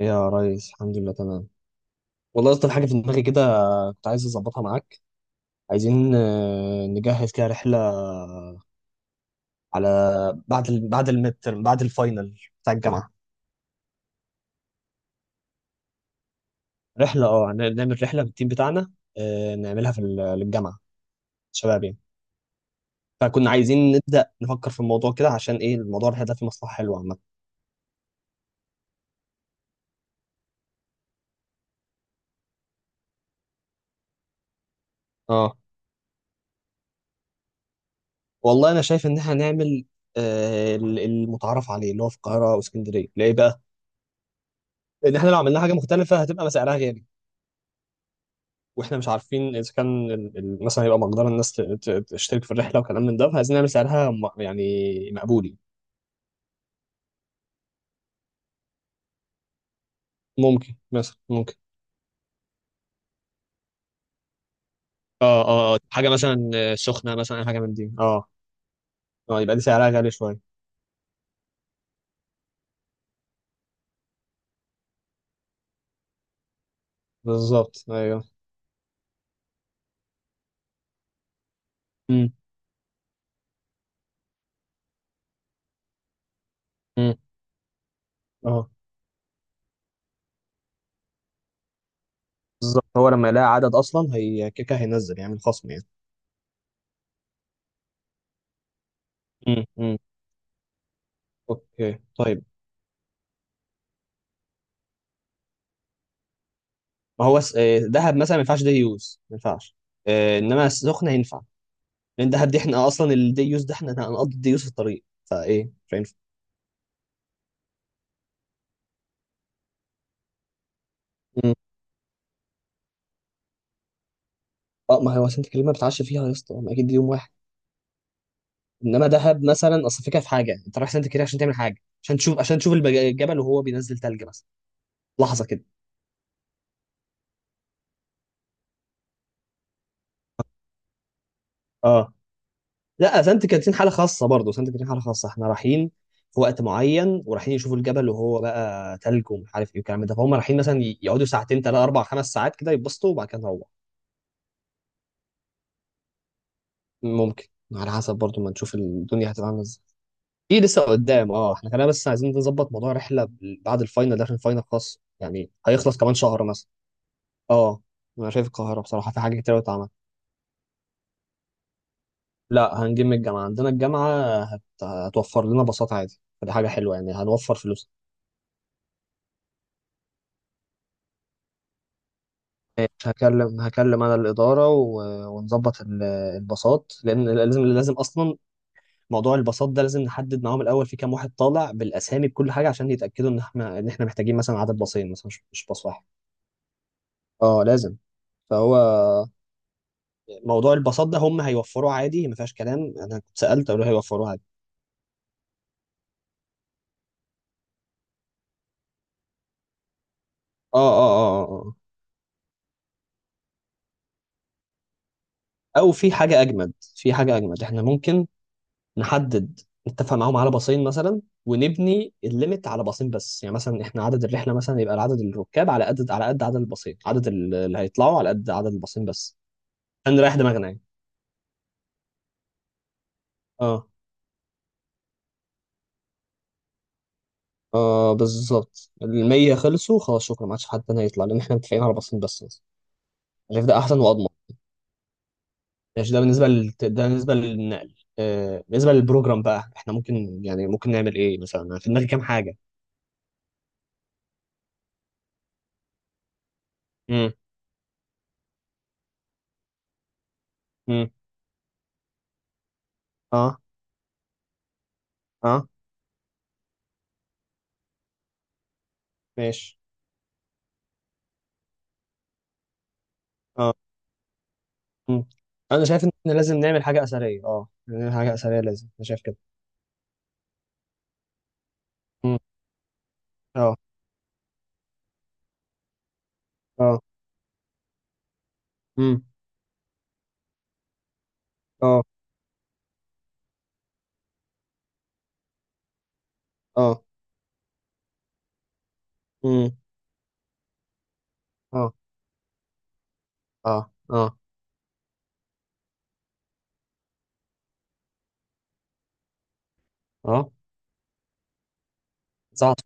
يا ريس، الحمد لله تمام. والله اصلا حاجه في دماغي كده، كنت عايز اظبطها معاك. عايزين نجهز كده رحله على بعد بعد الفاينل بتاع الجامعه. رحله نعمل رحله بالتيم بتاعنا، نعملها للجامعه. شباب يعني. فكنا عايزين نبدا نفكر في الموضوع كده، عشان ايه الموضوع الرحله ده فيه مصلحه حلوه عامه. اه، والله انا شايف ان احنا هنعمل المتعارف عليه، اللي هو في القاهره واسكندريه، ليه بقى؟ لان احنا لو عملنا حاجه مختلفه هتبقى سعرها غالي، واحنا مش عارفين اذا كان مثلا يبقى مقدار الناس تشترك في الرحله وكلام من ده. فعايزين نعمل سعرها يعني مقبول يعني. ممكن مثلا ممكن. اه، اه، حاجه مثلا سخنه، مثلا أي حاجه من دي، اه. اه، يبقى دي سعرها غالي شويه. بالظبط، ايوه. امم، امم. اه، بالظبط. هو لما يلاقي عدد اصلا هي كيكه، هينزل يعمل خصم يعني. امم، امم. اوكي، طيب. ما هو دهب مثلا ما ينفعش دي يوز، ما ينفعش. انما سخنه ينفع. لان دهب دي احنا اصلا الدي يوز ده احنا هنقضي الدي يوز في الطريق، فايه مش هينفع. مم. اه، ما هو سانت كاترين ما بتعش فيها يا اسطى، ما اكيد دي يوم واحد. انما دهب مثلا، اصل الفكره في حاجه انت رايح سانت كاترين عشان تعمل حاجه، عشان تشوف الجبل وهو بينزل تلج مثلا. لحظه كده. اه. لا، سانت كاترين حاله خاصه، برضه سانت كاترين حاله خاصه، احنا رايحين في وقت معين، ورايحين يشوفوا الجبل وهو بقى تلج ومش عارف ايه والكلام ده، فهم رايحين مثلا يقعدوا ساعتين، ثلاثه اربع خمس ساعات كده، يتبسطوا وبعد كده نروح. ممكن. على حسب برضه ما نشوف الدنيا هتبقى عامله ازاي. في لسه قدام. اه احنا كنا بس عايزين نظبط موضوع رحله بعد الفاينل ده، عشان الفاينل خلاص يعني هيخلص كمان شهر مثلا. اه. انا شايف القاهره بصراحه في حاجه كتير أوي اتعمل. لا، هنجيب من الجامعه. عندنا الجامعه هتوفر لنا باصات عادي، فدي حاجه حلوه يعني، هنوفر فلوس. ماشي، هكلم انا الاداره ونظبط الباصات، لان لازم لازم اصلا. موضوع الباصات ده لازم نحدد معاهم الاول في كام واحد طالع بالاسامي بكل حاجه، عشان يتاكدوا ان احنا محتاجين مثلا عدد باصين، مثلا مش باص واحد. اه، لازم. فهو موضوع الباصات ده هم هيوفروه عادي، ما فيهاش كلام. انا كنت سالت قالوا هيوفروه عادي. اه، اه، اه، اه، آه. آه. او في حاجه اجمد، في حاجه اجمد احنا ممكن نحدد نتفق معاهم على باصين مثلا، ونبني الليميت على باصين بس، يعني مثلا احنا عدد الرحله مثلا يبقى عدد الركاب على قد على قد عدد الباصين، عدد اللي هيطلعوا على قد عدد الباصين بس. عشان نريح دماغنا يعني. اه، اه، بالظبط. ال 100 خلصوا خلاص، شكرا، ما عادش حد تاني هيطلع، لان احنا متفقين على باصين بس. انا شايف ده احسن واضمن. ماشي. ده بالنسبه للنقل. بالنسبه للبروجرام بقى احنا ممكن، يعني ممكن نعمل ايه مثلا؟ أنا في دماغي كام حاجه. امم، امم، اه، اه، ماشي، اه، مم. انا شايف ان احنا لازم نعمل حاجه اثريه، نعمل حاجه اثريه لازم، انا شايف كده. مم. اه، اه، امم، اه، اه، امم، اه، اه، اه، اه. ساعة.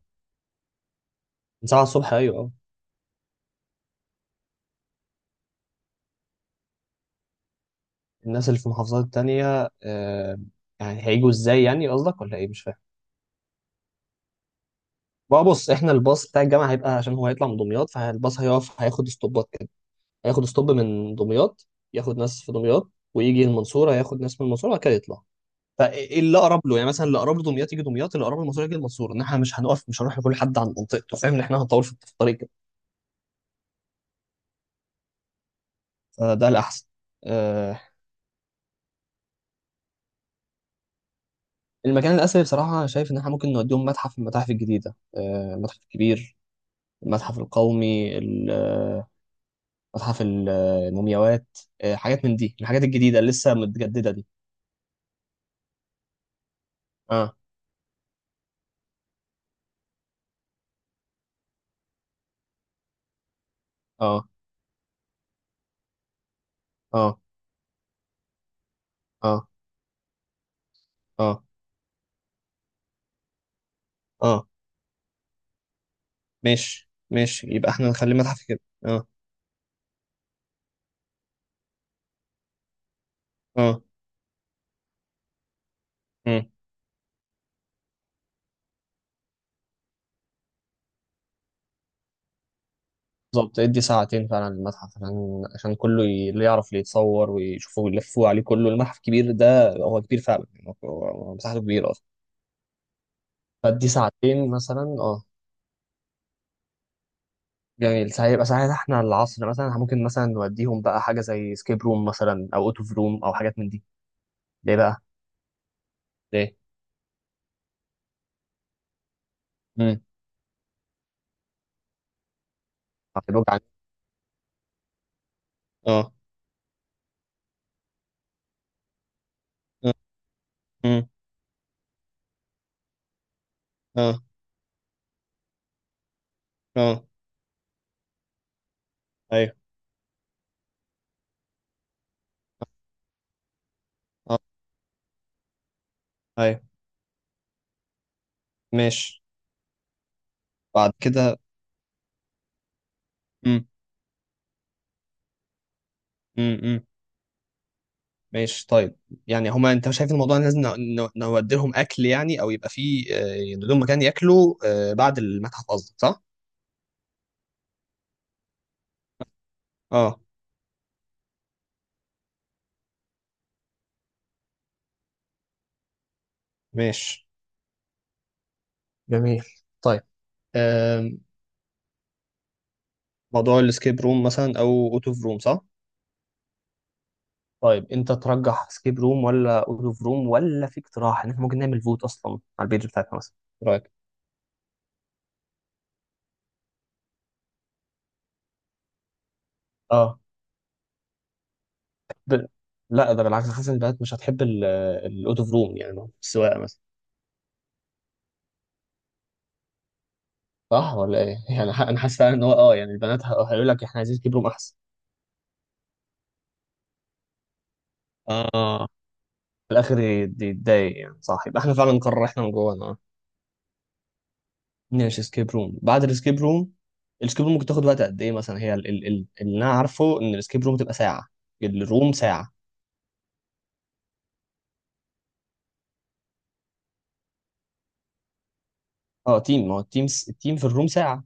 ساعة الصبح، ايوه، اه. الناس اللي في المحافظات التانية، يعني هيجوا ازاي يعني؟ قصدك ولا ايه، مش فاهم. بقى بص، احنا الباص بتاع الجامعه هيبقى عشان هو هيطلع من دمياط، فالباص هيقف، هياخد ستوبات كده. هياخد ستوب من دمياط، ياخد ناس في دمياط، ويجي المنصوره ياخد ناس من المنصوره وبعد كده يطلع. فايه اللي اقرب له، يعني مثلا اللي اقرب لدمياط يجي دمياط، اللي اقرب للمنصوره يجي المنصوره، ان احنا مش هنقف، مش هنروح لكل حد عن منطقته، فاهم؟ ان احنا هنطول في الطريق كده. فده الاحسن. آه المكان الاثري بصراحه، شايف ان احنا ممكن نوديهم متحف من المتاحف الجديده، آه، المتحف الكبير. المتحف القومي، متحف المومياوات. حاجات من دي، الحاجات الجديده اللي لسه متجدده دي. اه، اه، اه، اه، اه، اه، ماشي، ماشي، يبقى احنا نخلي المتحف كده. اه، اه، امم. بالظبط، ادي ساعتين فعلا للمتحف، عشان كله اللي يعرف، اللي يتصور ويشوفوه ويلفوه عليه كله، المتحف كبير ده هو كبير فعلا يعني، هو مساحته كبيرة اصلا. فادي ساعتين مثلا، اه. جميل. ساعة، يبقى ساعات، احنا العصر مثلا ممكن مثلا نوديهم بقى حاجة زي سكيب روم مثلا، او اوت اوف روم، او حاجات من دي. ليه بقى؟ ليه؟ امم. هيبقوا جعانين. اه، اه، امم، اه، اه، ايوه، اه، ايوه، ماشي. بعد كده. امم، امم. ماشي طيب. يعني هما انت شايف الموضوع إن لازم نودي لهم اكل يعني؟ او يبقى فيه لهم مكان ياكلوا بعد المتحف قصدك، صح؟ اه. ماشي. جميل. طيب. آم، موضوع الاسكيب روم مثلا او اوت اوف روم، صح؟ طيب انت ترجح سكيب روم ولا اوت اوف روم، ولا في اقتراح ان احنا ممكن نعمل فوت اصلا على البيج بتاعتنا مثلا. إيه رايك؟ اه. ب... لا، ده بالعكس، حاسس ان البنات مش هتحب الاوت اوف روم يعني، السواقه مثلا. صح ولا ايه؟ يعني انا حاسس فعلا ان هو، اه يعني البنات هيقول لك احنا عايزين كبرهم احسن. اه. في الاخر يتضايق يعني، صح، يبقى احنا فعلا نقرر احنا من جوانا، اه. ماشي. سكيب روم. بعد السكيب روم، السكيب روم ممكن تاخد وقت قد ايه مثلا؟ هي اللي انا عارفه ان السكيب روم تبقى ساعه. الروم ساعه. اه. تيم. ما هو التيم التيم في الروم ساعه.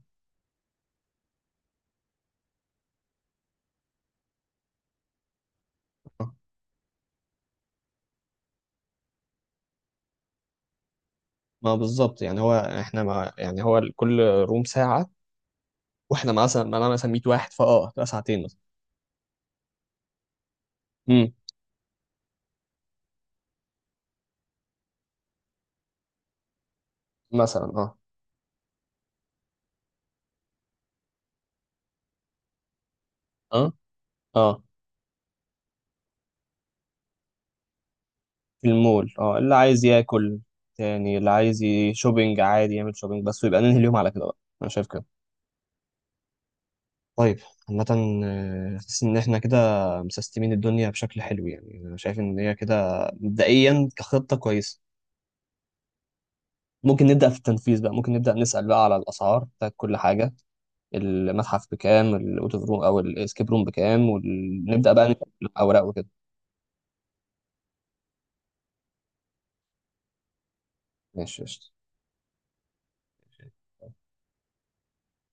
آه، ما هو بالظبط يعني. هو احنا، ما يعني هو كل روم ساعه، واحنا مثلا انا مثلا 100 واحد، فاه تبقى ساعتين مثلا. امم، مثلا. اه، اه، اه. المول، اه، اللي عايز ياكل تاني، اللي عايز شوبينج عادي يعمل شوبينج بس، ويبقى ننهي اليوم على كده بقى. انا شايف كده. طيب. عامة، حاسس ان احنا كده مسستمين الدنيا بشكل حلو، يعني انا شايف ان هي كده مبدئيا كخطة كويسة. ممكن نبدأ في التنفيذ بقى، ممكن نبدأ نسأل بقى على الأسعار بتاعت كل حاجة. المتحف بكام، الأوتوف روم أو الإسكيب روم بكام، ونبدأ بقى نكتب الأوراق وكده. ماشي، قشطة.